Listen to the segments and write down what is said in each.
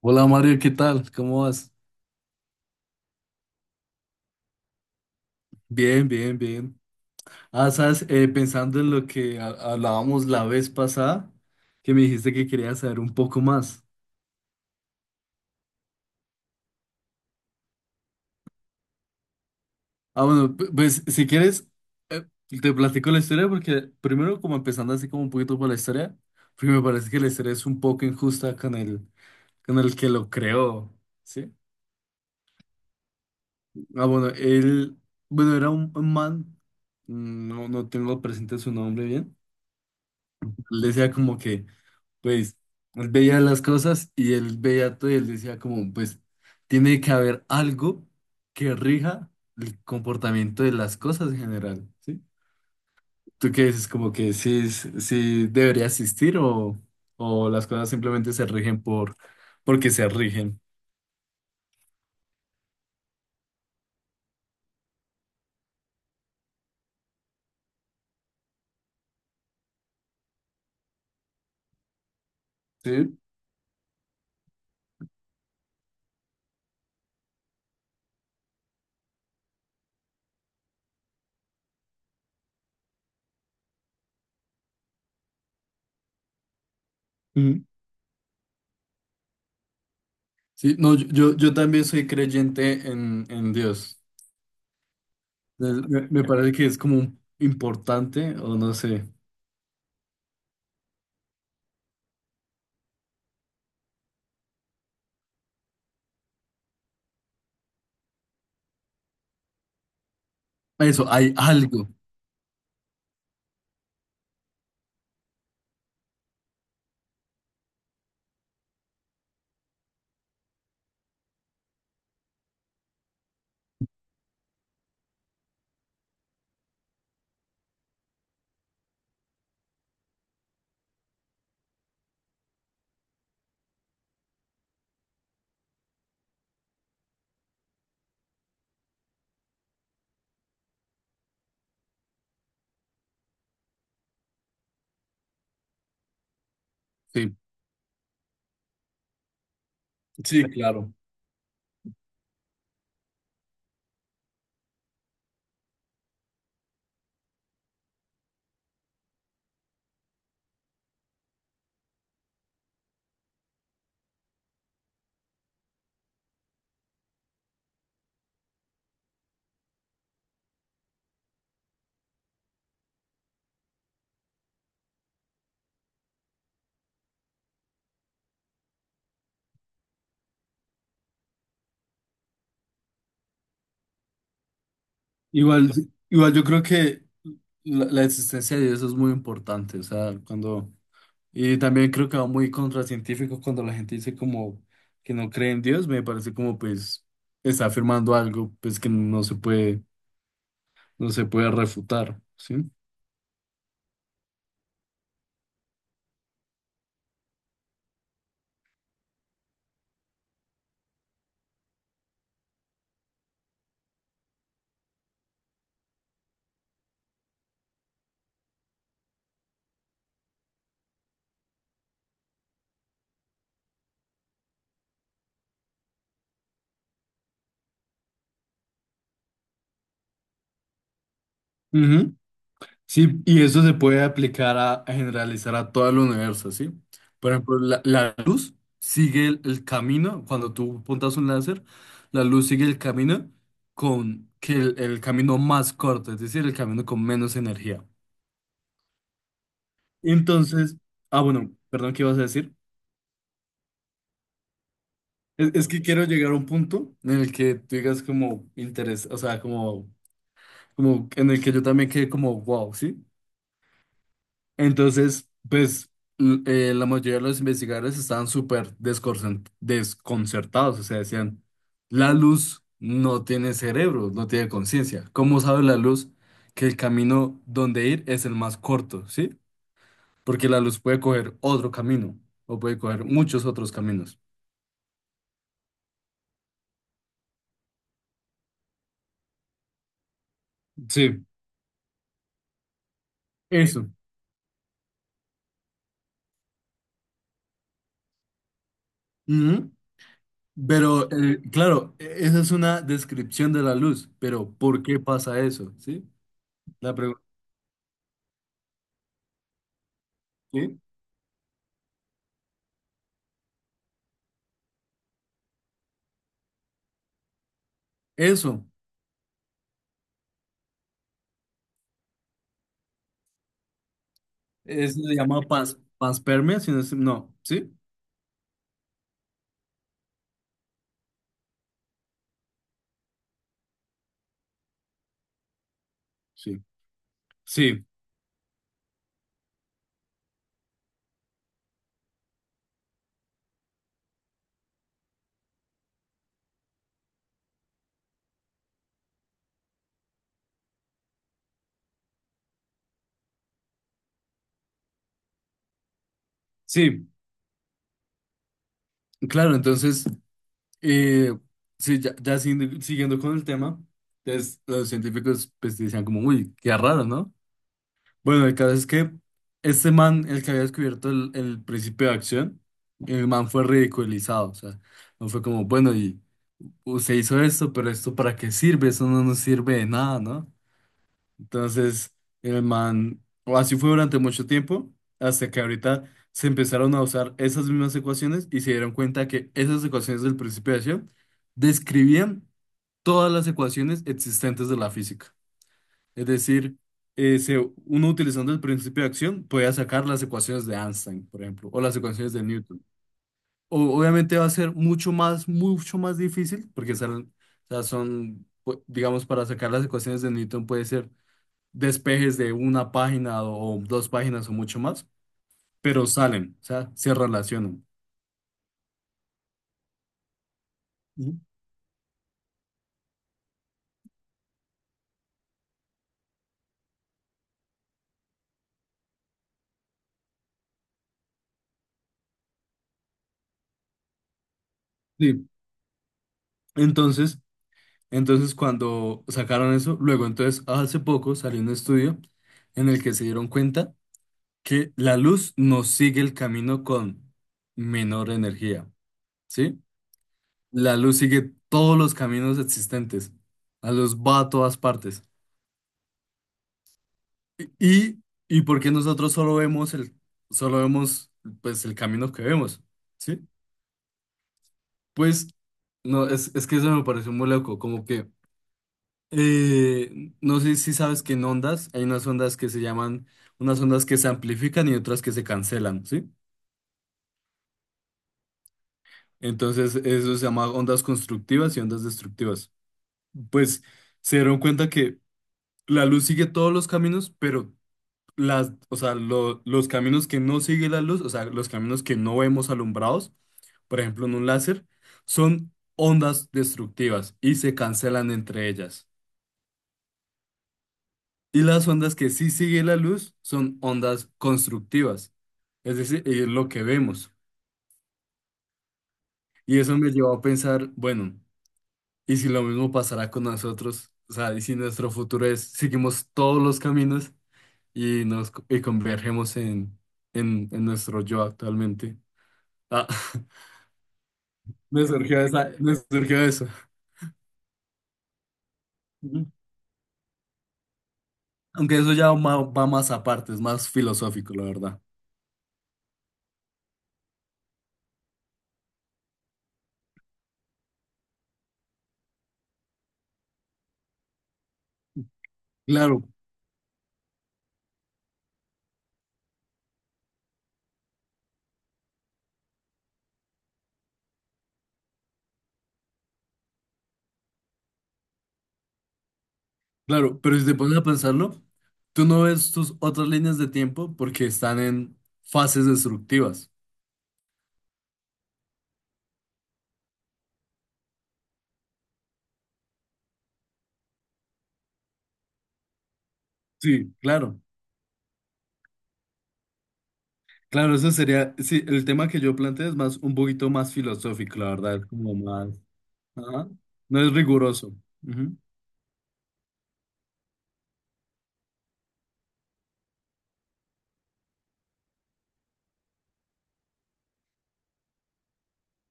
Hola Mario, ¿qué tal? ¿Cómo vas? Bien, bien, bien. Ah, sabes, pensando en lo que hablábamos la vez pasada, que me dijiste que querías saber un poco más. Ah, bueno, pues si quieres, eh, te platico la historia porque primero como empezando así como un poquito por la historia, porque me parece que la historia es un poco injusta con el que lo creó, ¿sí? Ah, bueno, él, bueno, era un man, no, no tengo presente su nombre bien. Él decía como que... pues él veía las cosas y él veía todo y él decía como, pues tiene que haber algo que rija el comportamiento de las cosas en general, ¿sí? ¿Tú qué dices? Como que sí, sí debería existir o las cosas simplemente se rigen por, porque se rigen. Sí. Sí, no, yo, yo también soy creyente en Dios. Me parece que es como importante, o no sé. Eso, hay algo. Sí, sí, claro. Igual, igual yo creo que la existencia de Dios es muy importante. O sea, cuando. Y también creo que va muy contracientífico cuando la gente dice como que no cree en Dios, me parece como pues está afirmando algo pues que no se puede, no se puede refutar, ¿sí? Sí, y eso se puede aplicar a generalizar a todo el universo, ¿sí? Por ejemplo, la luz sigue el camino, cuando tú apuntas un láser, la luz sigue el camino con que el camino más corto, es decir, el camino con menos energía. Entonces, ah, bueno, perdón, ¿qué ibas a decir? Es que quiero llegar a un punto en el que tú digas como interés, o sea, como, como en el que yo también quede como wow, ¿sí? Entonces, pues la mayoría de los investigadores estaban súper desconcertados, o sea, decían, la luz no tiene cerebro, no tiene conciencia. ¿Cómo sabe la luz que el camino donde ir es el más corto, sí? Porque la luz puede coger otro camino o puede coger muchos otros caminos. Sí, eso. Ujú. Pero claro, esa es una descripción de la luz, pero ¿por qué pasa eso? ¿Sí? La pregunta. ¿Sí? Eso. Es se llama pas, paspermia, si no, no, ¿sí? Sí, sí, sí, claro, entonces, eh, sí, ya, ya siguiendo, siguiendo con el tema, entonces los científicos pues decían como, uy, qué raro, ¿no? Bueno, el caso es que este man, el que había descubierto el principio de acción, el man fue ridiculizado, o sea, no fue como, bueno, y usted hizo esto, pero esto para qué sirve, eso no nos sirve de nada, ¿no? Entonces, el man, o así fue durante mucho tiempo, hasta que ahorita se empezaron a usar esas mismas ecuaciones y se dieron cuenta que esas ecuaciones del principio de acción describían todas las ecuaciones existentes de la física. Es decir, eh, se- uno utilizando el principio de acción podía sacar las ecuaciones de Einstein, por ejemplo, o las ecuaciones de Newton. Obviamente va a ser mucho más difícil, porque o sea, son, digamos, para sacar las ecuaciones de Newton puede ser despejes de una página o dos páginas o mucho más, pero salen, o sea, se relacionan. Ujú. Sí. Entonces, entonces cuando sacaron eso, luego entonces hace poco salió un estudio en el que se dieron cuenta que la luz no sigue el camino con menor energía, ¿sí? La luz sigue todos los caminos existentes. La luz va a todas partes. Y, y porque nosotros solo vemos el, solo vemos pues el camino que vemos. ¿Sí? Pues, no, es que eso me pareció muy loco, como que, no sé si sabes que en ondas hay unas ondas que se llaman, unas ondas que se amplifican y otras que se cancelan, ¿sí? Entonces, eso se llama ondas constructivas y ondas destructivas. Pues, se dieron cuenta que la luz sigue todos los caminos, pero las, o sea, los caminos que no sigue la luz, o sea, los caminos que no vemos alumbrados, por ejemplo, en un láser, son ondas destructivas y se cancelan entre ellas. Y las ondas que sí sigue la luz son ondas constructivas, es decir, es lo que vemos. Y eso me llevó a pensar, bueno, ¿y si lo mismo pasará con nosotros? O sea, ¿y si nuestro futuro es, seguimos todos los caminos y y convergemos en nuestro yo actualmente? Ah, me surgió esa, me surgió eso. Ujú. Aunque eso ya va, va más aparte, es más filosófico, la verdad. Claro, Claro, pero si te pones a pensarlo, tú no ves tus otras líneas de tiempo porque están en fases destructivas. Sí, claro. Claro, eso sería, sí, el tema que yo planteo es más un poquito más filosófico, la verdad, es como más, ajá, no es riguroso. Ujú.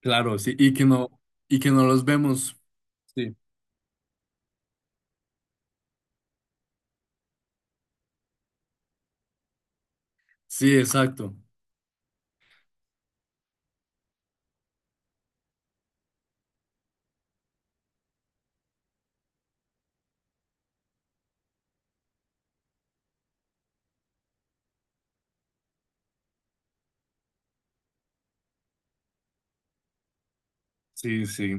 Claro, sí, y que no los vemos. Sí, sí, exacto. Sí, sí.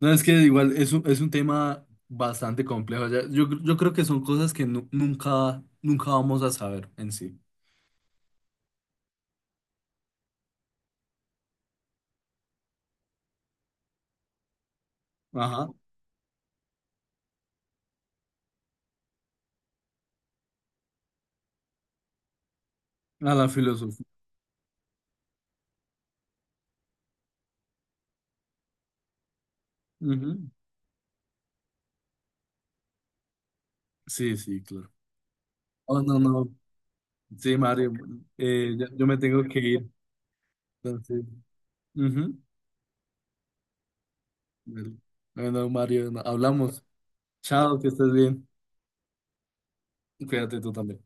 No, es que igual es un tema bastante complejo. Yo, yo creo que son cosas que nunca, nunca vamos a saber en sí. Ajá. A la filosofía. Ujú. Sí, sí, claro. Oh, no, no. Sí, Mario. Yo me tengo que ir. Entonces, ujú. Bueno, Mario, hablamos. Chao, que estés bien. Cuídate tú también.